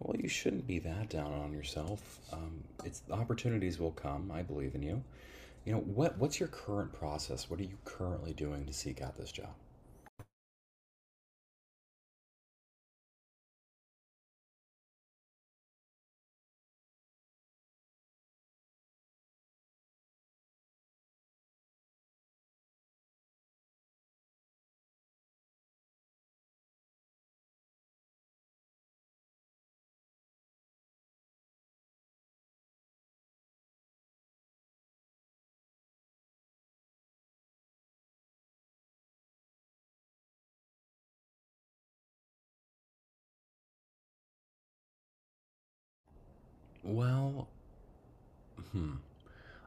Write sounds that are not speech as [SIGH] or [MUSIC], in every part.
Well, you shouldn't be that down on yourself. It's opportunities will come. I believe in you. You know what? What's your current process? What are you currently doing to seek out this job? Well,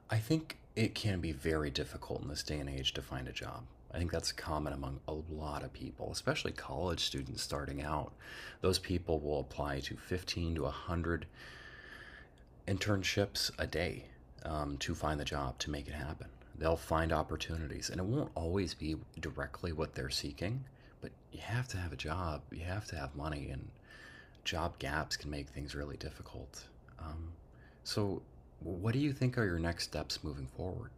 I think it can be very difficult in this day and age to find a job. I think that's common among a lot of people, especially college students starting out. Those people will apply to 15 to 100 internships a day to find the job to make it happen. They'll find opportunities, and it won't always be directly what they're seeking. But you have to have a job, you have to have money, and job gaps can make things really difficult. Um, so, what do you think are your next steps moving forward?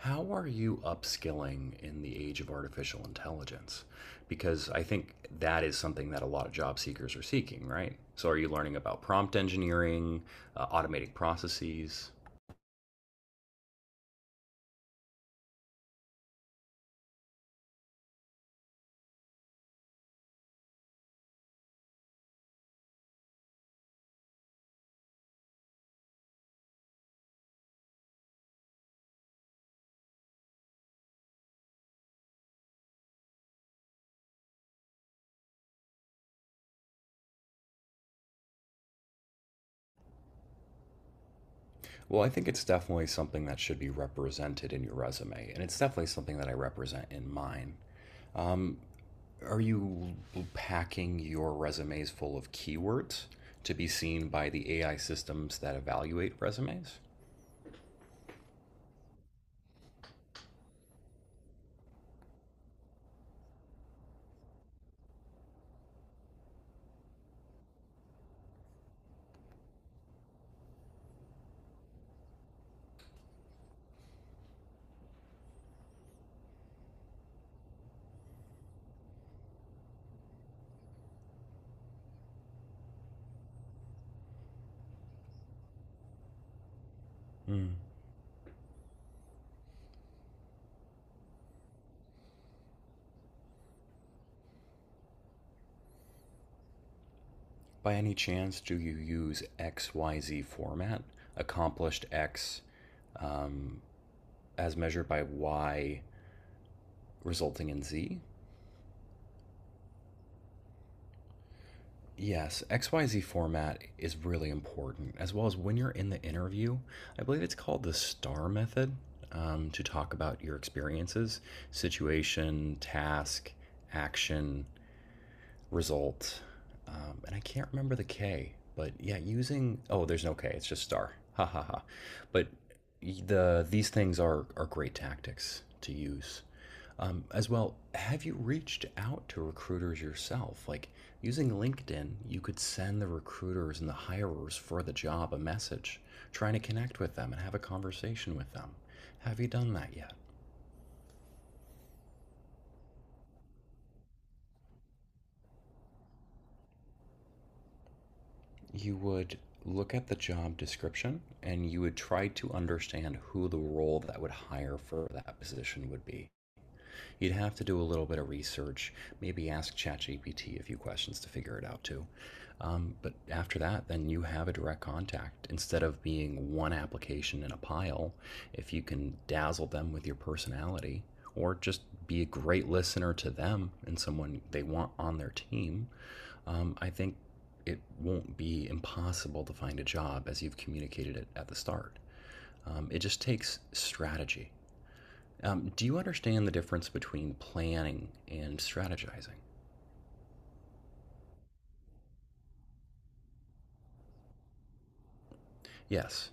How are you upskilling in the age of artificial intelligence? Because I think that is something that a lot of job seekers are seeking, right? So, are you learning about prompt engineering, automating processes? Well, I think it's definitely something that should be represented in your resume, and it's definitely something that I represent in mine. Are you packing your resumes full of keywords to be seen by the AI systems that evaluate resumes? Mm. By any chance, do you use XYZ format? Accomplished X um, as measured by Y resulting in Z? Yes, XYZ format is really important, as well as when you're in the interview. I believe it's called the STAR method to talk about your experiences situation, task, action, result. And I can't remember the K, but yeah, using oh, there's no K, it's just star. [LAUGHS] Ha ha ha. But these things are great tactics to use. As well, have you reached out to recruiters yourself? Like using LinkedIn, you could send the recruiters and the hirers for the job a message, trying to connect with them and have a conversation with them. Have you done that yet? You would look at the job description and you would try to understand who the role that would hire for that position would be. You'd have to do a little bit of research, maybe ask ChatGPT a few questions to figure it out too. But after that, then you have a direct contact. Instead of being one application in a pile, if you can dazzle them with your personality or just be a great listener to them and someone they want on their team, I think it won't be impossible to find a job as you've communicated it at the start. It just takes strategy. Do you understand the difference between planning and strategizing? Yes.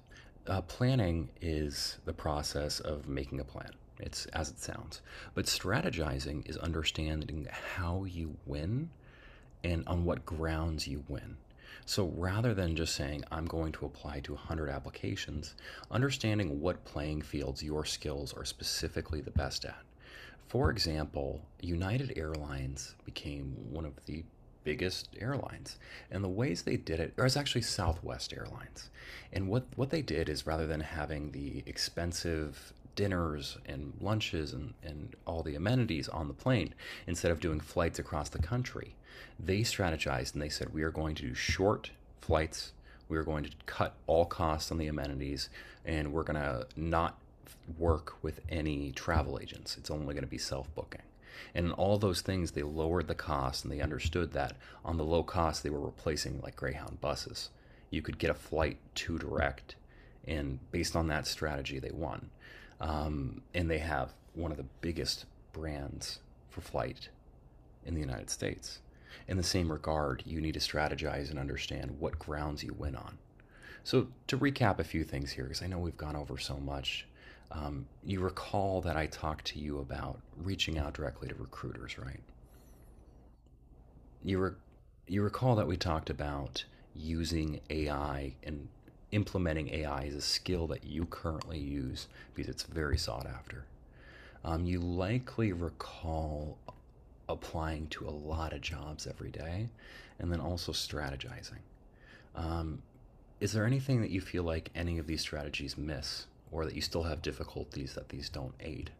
Planning is the process of making a plan. It's as it sounds. But strategizing is understanding how you win and on what grounds you win. So rather than just saying, I'm going to apply to 100 applications, understanding what playing fields your skills are specifically the best at. For example, United Airlines became one of the biggest airlines. And the ways they did it, or it's actually Southwest Airlines. And what they did is rather than having the expensive dinners and lunches and all the amenities on the plane, instead of doing flights across the country, they strategized and they said, we are going to do short flights. We are going to cut all costs on the amenities, and we're going to not work with any travel agents. It's only going to be self booking. And in all those things, they lowered the cost and they understood that on the low cost, they were replacing like Greyhound buses. You could get a flight to direct, and based on that strategy, they won. And they have one of the biggest brands for flight in the United States. In the same regard, you need to strategize and understand what grounds you win on. So, to recap a few things here, because I know we've gone over so much, you recall that I talked to you about reaching out directly to recruiters, right? You, re- you recall that we talked about using AI and implementing AI as a skill that you currently use because it's very sought after. You likely recall applying to a lot of jobs every day and then also strategizing. Is there anything that you feel like any of these strategies miss, or that you still have difficulties that these don't aid?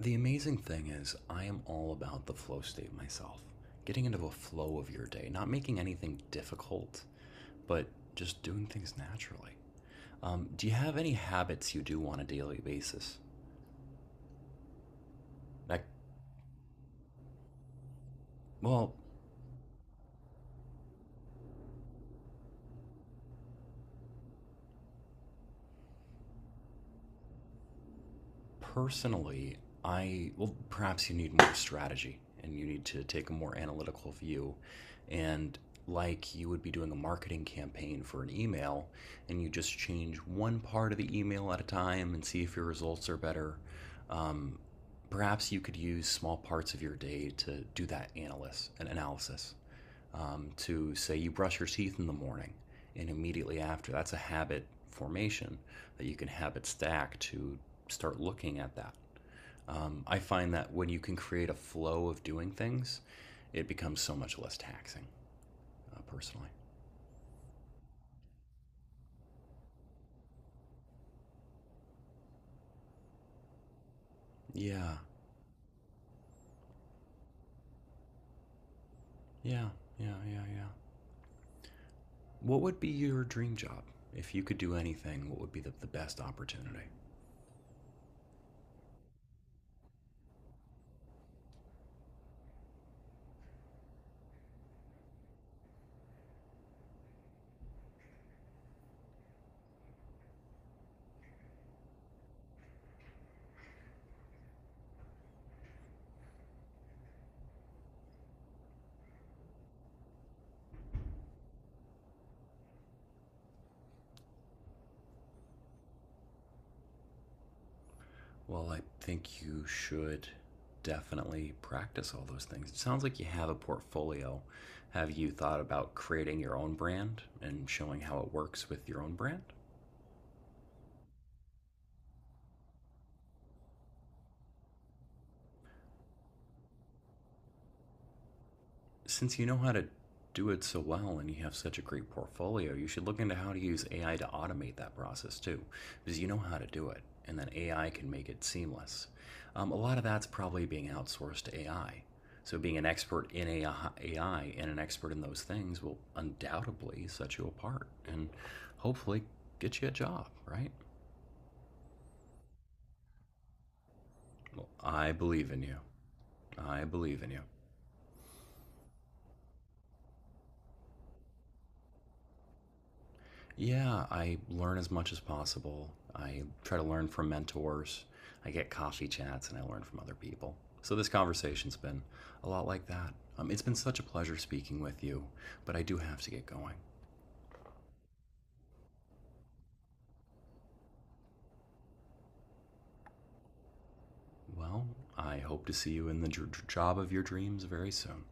The amazing thing is, I am all about the flow state myself. Getting into a flow of your day, not making anything difficult, but just doing things naturally. Do you have any habits you do on a daily basis? That, well, personally, I well, perhaps you need more strategy and you need to take a more analytical view. And like you would be doing a marketing campaign for an email, and you just change one part of the email at a time and see if your results are better. Um, perhaps you could use small parts of your day to do that analysis, an analysis to say you brush your teeth in the morning and immediately after. That's a habit formation that you can habit stack to start looking at that. I find that when you can create a flow of doing things, it becomes so much less taxing, personally. Yeah, yeah, yeah, yeah, yeah. What would be your dream job? If you could do anything, what would be the best opportunity? Well, I think you should definitely practice all those things. It sounds like you have a portfolio. Have you thought about creating your own brand and showing how it works with your own brand? Since you know how to do it so well and you have such a great portfolio, you should look into how to use AI to automate that process too, because you know how to do it, and then AI can make it seamless. A lot of that's probably being outsourced to AI. So, being an expert in AI and an expert in those things will undoubtedly set you apart and hopefully get you a job, right? Well, I believe in you. I believe in you. Yeah, I learn as much as possible. I try to learn from mentors. I get coffee chats and I learn from other people. So this conversation's been a lot like that. It's been such a pleasure speaking with you, but I do have to get going. Well, I hope to see you in the job of your dreams very soon.